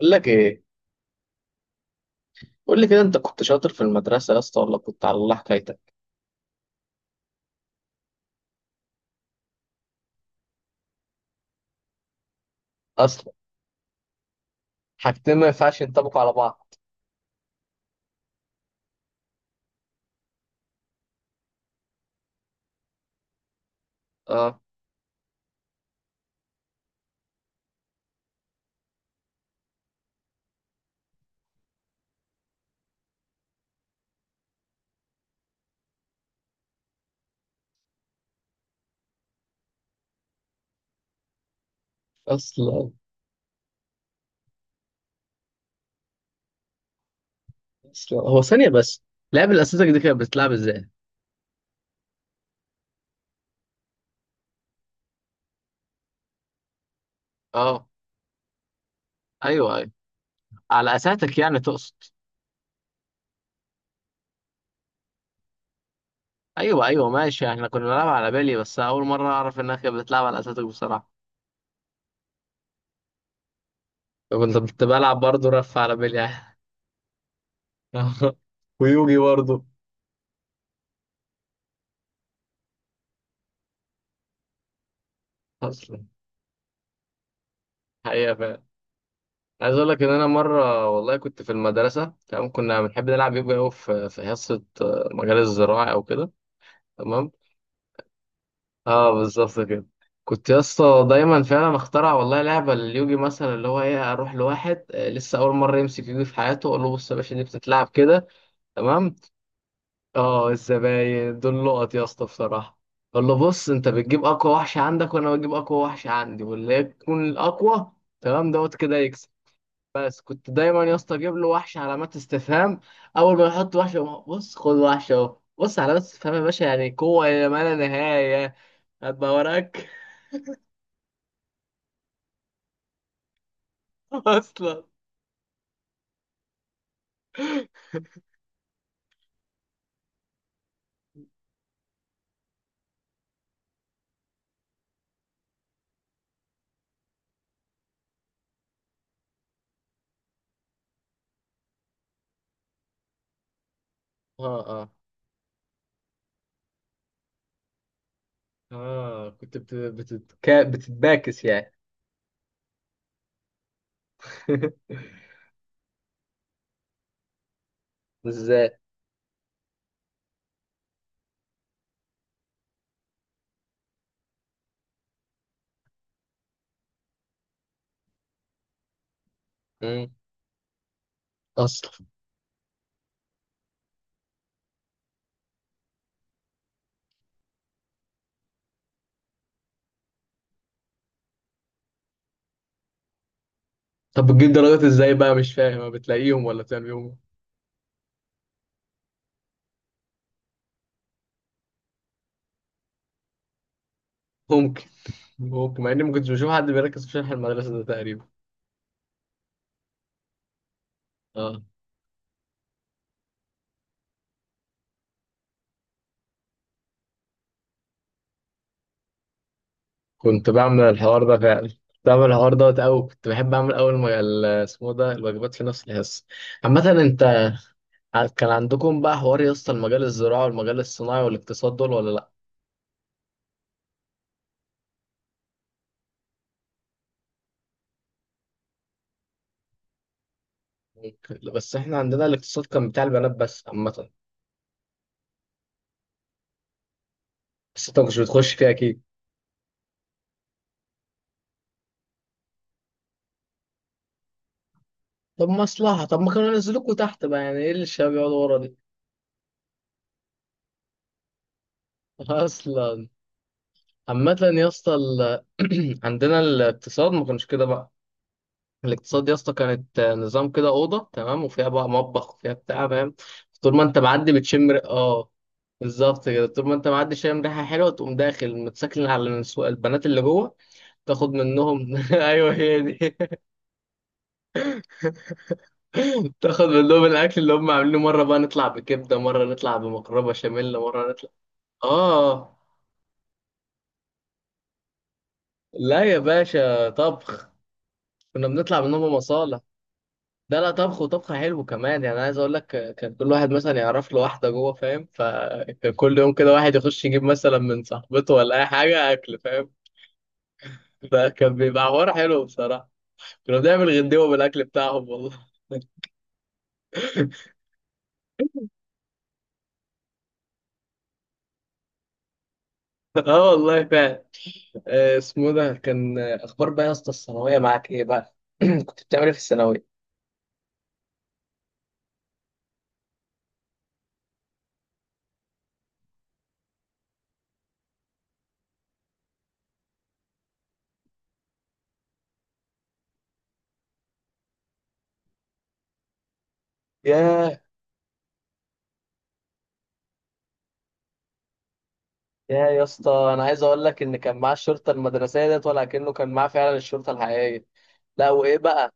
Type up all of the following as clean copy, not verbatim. بقول لك ايه؟ قول لي كده، انت كنت شاطر في المدرسه يا اسطى، ولا كنت على الله حكايتك؟ اصلا. حاجتين ما ينفعش ينطبقوا على بعض. اه. اصلا. اصلا، هو ثانية بس، لعب الاساتذة دي كانت بتلعب ازاي؟ اه. ايوه ايوه، على اساتك يعني تقصد؟ ايوه ايوه، ماشي. احنا كنا بنلعب على بالي، بس اول مرة اعرف انها كانت بتلعب على اساتك بصراحة. كنت بلعب برضه رف على بالي يعني. ويوجي برضه. اصلا. حقيقة فعلا. عايز اقول لك ان انا مره والله كنت في المدرسه، تمام، كنا بنحب نلعب يوجا قوي في حصه مجال الزراعه او كده. تمام. اه، بالظبط كده. كنت يا اسطى دايما فعلا اخترع والله لعبه لليوجي، مثلا اللي هو ايه، اروح لواحد لسه اول مره يمسك يوجي في حياته، اقول له: بص يا باشا دي بتتلعب كده. تمام. اه، الزباين دول لقط يا اسطى بصراحه. اقول له: بص، انت بتجيب اقوى وحش عندك وانا بجيب اقوى وحش عندي، واللي يكون الاقوى تمام دوت كده يكسب. بس كنت دايما يا اسطى اجيب له وحش علامات استفهام. اول ما يحط وحش، يقوم بص، خد وحش اهو، بص، علامات استفهام يا باشا، يعني قوه الى ما لا نهايه. هبقى وراك. اصلا. اه اه اه. كنت بتتباكس يعني. ازاي؟ مم. اصلا. طب بتجيب درجات ازاي بقى؟ مش فاهم، ما بتلاقيهم ولا بتعمل بيهم؟ ممكن. ممكن، مع اني ما كنتش بشوف حد بيركز في شرح المدرسه ده تقريبا. اه، كنت بعمل الحوار ده فعلا، كنت بعمل الحوار دوت أوي، كنت بحب أعمل أول ما اسمه ده الواجبات في نفس الحصة. عامة أنت، كان عندكم بقى حوار يا اسطى، المجال الزراعي والمجال الصناعي والاقتصاد دول ولا لأ؟ ممكن. بس إحنا عندنا الاقتصاد كان بتاع البنات بس عامة. بس أنت مش بتخش فيه أكيد. طب مصلحة. طب ما كانوا ينزلوكوا تحت بقى، يعني إيه اللي الشباب يقعدوا ورا دي؟ أصلا. عامة يا اسطى عندنا الاقتصاد ما كانش كده بقى. الاقتصاد يا اسطى كانت نظام كده، اوضه تمام وفيها بقى مطبخ وفيها بتاع، فاهم؟ طول ما انت معدي بتشم اه. بالظبط كده. طول ما انت معدي شامم ريحه حلوه، تقوم داخل متسكن على البنات اللي جوه، تاخد منهم. ايوه هي دي. تاخد منهم الاكل اللي هم عاملينه. مره بقى نطلع بكبده، مره نطلع بمقربه بشاميل، مره نطلع. اه. لا يا باشا، طبخ. كنا بنطلع منهم مصالح. لا لا، طبخ، وطبخ حلو كمان يعني. عايز اقول لك كان كل واحد مثلا يعرف له واحده جوه، فاهم؟ فكان كل يوم كده واحد يخش يجيب مثلا من صاحبته ولا اي حاجه اكل، فاهم؟ فكان بيبقى حوار حلو بصراحه. كنا بنعمل غدوه بالاكل بتاعهم والله. اه والله فعلا. اسمه ده كان اخبار بقى يا اسطى، الثانويه معاك ايه بقى؟ كنت بتعمل ايه في الثانويه؟ ياه. يا اسطى، انا عايز اقول لك ان كان معاه الشرطه المدرسيه ديت ولا كأنه كان معاه فعلا الشرطه الحقيقيه. لا، وايه بقى؟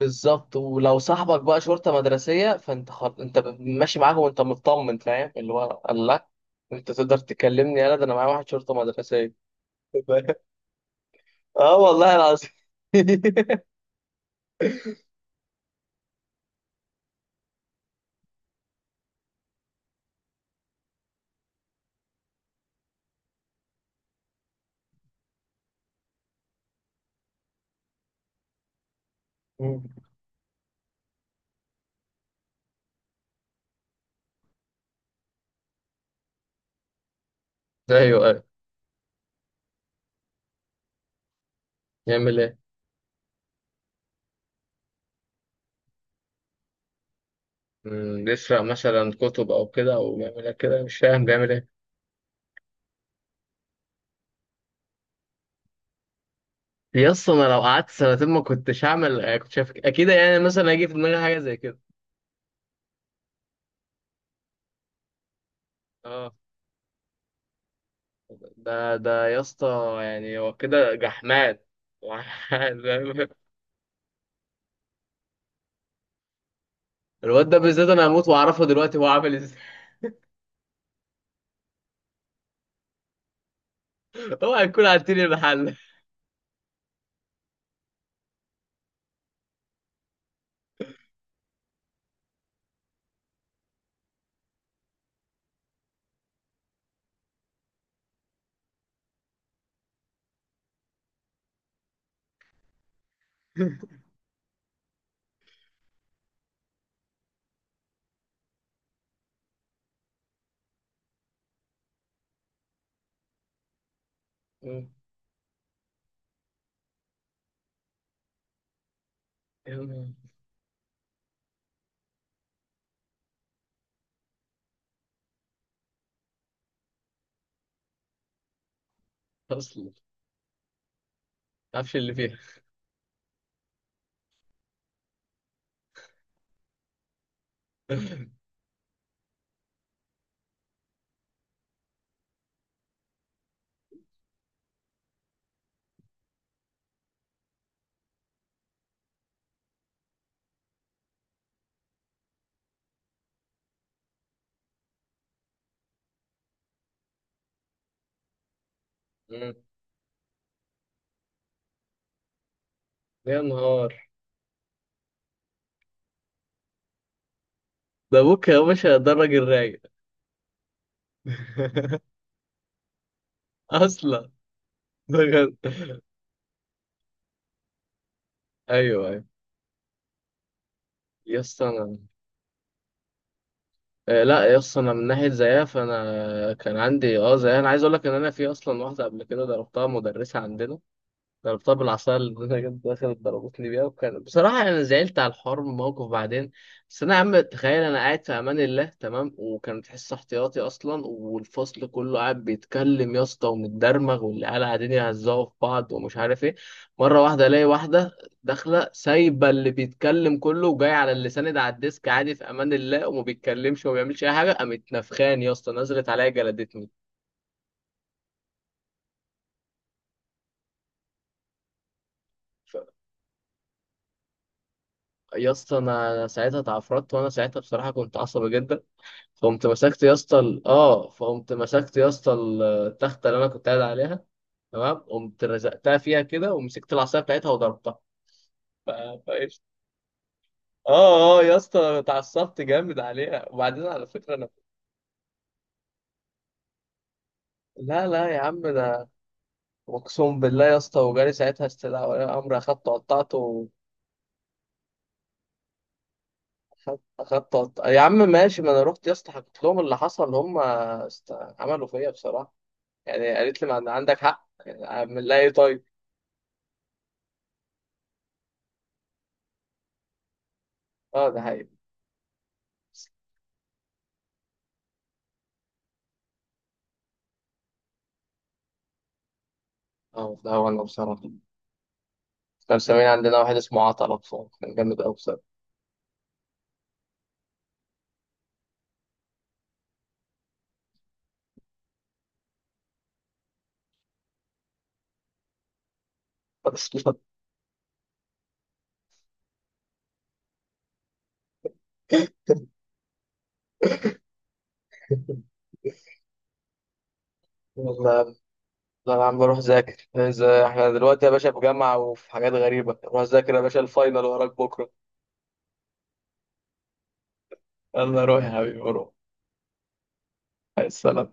بالظبط. ولو صاحبك بقى شرطة مدرسية فانت ماشي معاهم وانت مطمن، فاهم اللي هو، الله. انت تقدر تكلمني؟ يلا ده انا معايا واحد شرطة مدرسية. اه والله العظيم. ايوه ايوه. يعمل ايه؟ يسرق مثلا كتب او كده، او بيعمل إيه كده؟ مش فاهم بيعمل ايه. يا اسطى، انا لو قعدت سنتين ما كنتش هعمل كنت شايف اكيد، يعني مثلا هيجي في دماغي حاجه زي كده؟ اه. ده يا اسطى يعني هو كده جحمان. فاهم؟ الواد ده بالذات انا هموت واعرفه دلوقتي هو عامل ازاي. اوعى يكون عدتني المحل. اصلا. ما تعرفش اللي فيها. مم. يا نهار. ده ابوك يا باشا؟ ده الراجل رايق. اصلا، بجد. ايوه ايوه. يا اسطى انا آه، لا يا اسطى، انا من ناحيه زيها فانا كان عندي زيها، انا عايز اقول لك ان انا في اصلا واحده قبل كده ضربتها مدرسه عندنا. جربتها بالعصاية اللي أنا جبت، دخلت ضربتني بيها، وكان بصراحة أنا زعلت على الحوار من الموقف بعدين. بس أنا يا عم تخيل، أنا قاعد في أمان الله تمام، وكانت حصة احتياطي أصلا، والفصل كله قاعد بيتكلم يا اسطى ومتدرمغ، والعيال قاعدين يهزقوا في بعض ومش عارف إيه. مرة واحدة ألاقي واحدة داخلة، سايبة اللي بيتكلم كله، وجاي على اللي ساند على الديسك عادي في أمان الله وما بيتكلمش وما بيعملش أي حاجة، قامت نفخاني يا اسطى، نزلت عليا جلدتني. ف- يا اسطى أنا ساعتها اتعفرت، وأنا ساعتها بصراحة كنت عصبي جدا. فقمت مسكت يا اسطى التخته اللي انا كنت قاعد عليها. تمام. قمت رزقتها فيها كده، ومسكت العصايه بتاعتها وضربتها. ف- فايش. اه اه، يا اسطى اتعصبت جامد عليها، وبعدين على فكره انا. لا لا يا عم، ده. اقسم بالله يا اسطى، وجالي ساعتها استدعاء ولي امر، اخدت قطعته. يا عم ماشي، ما انا رحت يا اسطى حكيت لهم اللي حصل، هم عملوا فيا بصراحه. يعني قالت لي ما عندك حق، يعني اعمل لها ايه طيب؟ اه، ده حقيقي. اه. لا والله، وانا بصراحة كان مسمين عندنا واحد اسمه عطلة، بصراحة كان جامد أوي بصراحة. والله. لا يا عم، بروح أذاكر. إذا إحنا دلوقتي يا باشا في جامعة وفي حاجات غريبة، روح أذاكر يا باشا، الفاينل وراك بكرة. يلا روح يا حبيبي، روح. السلام.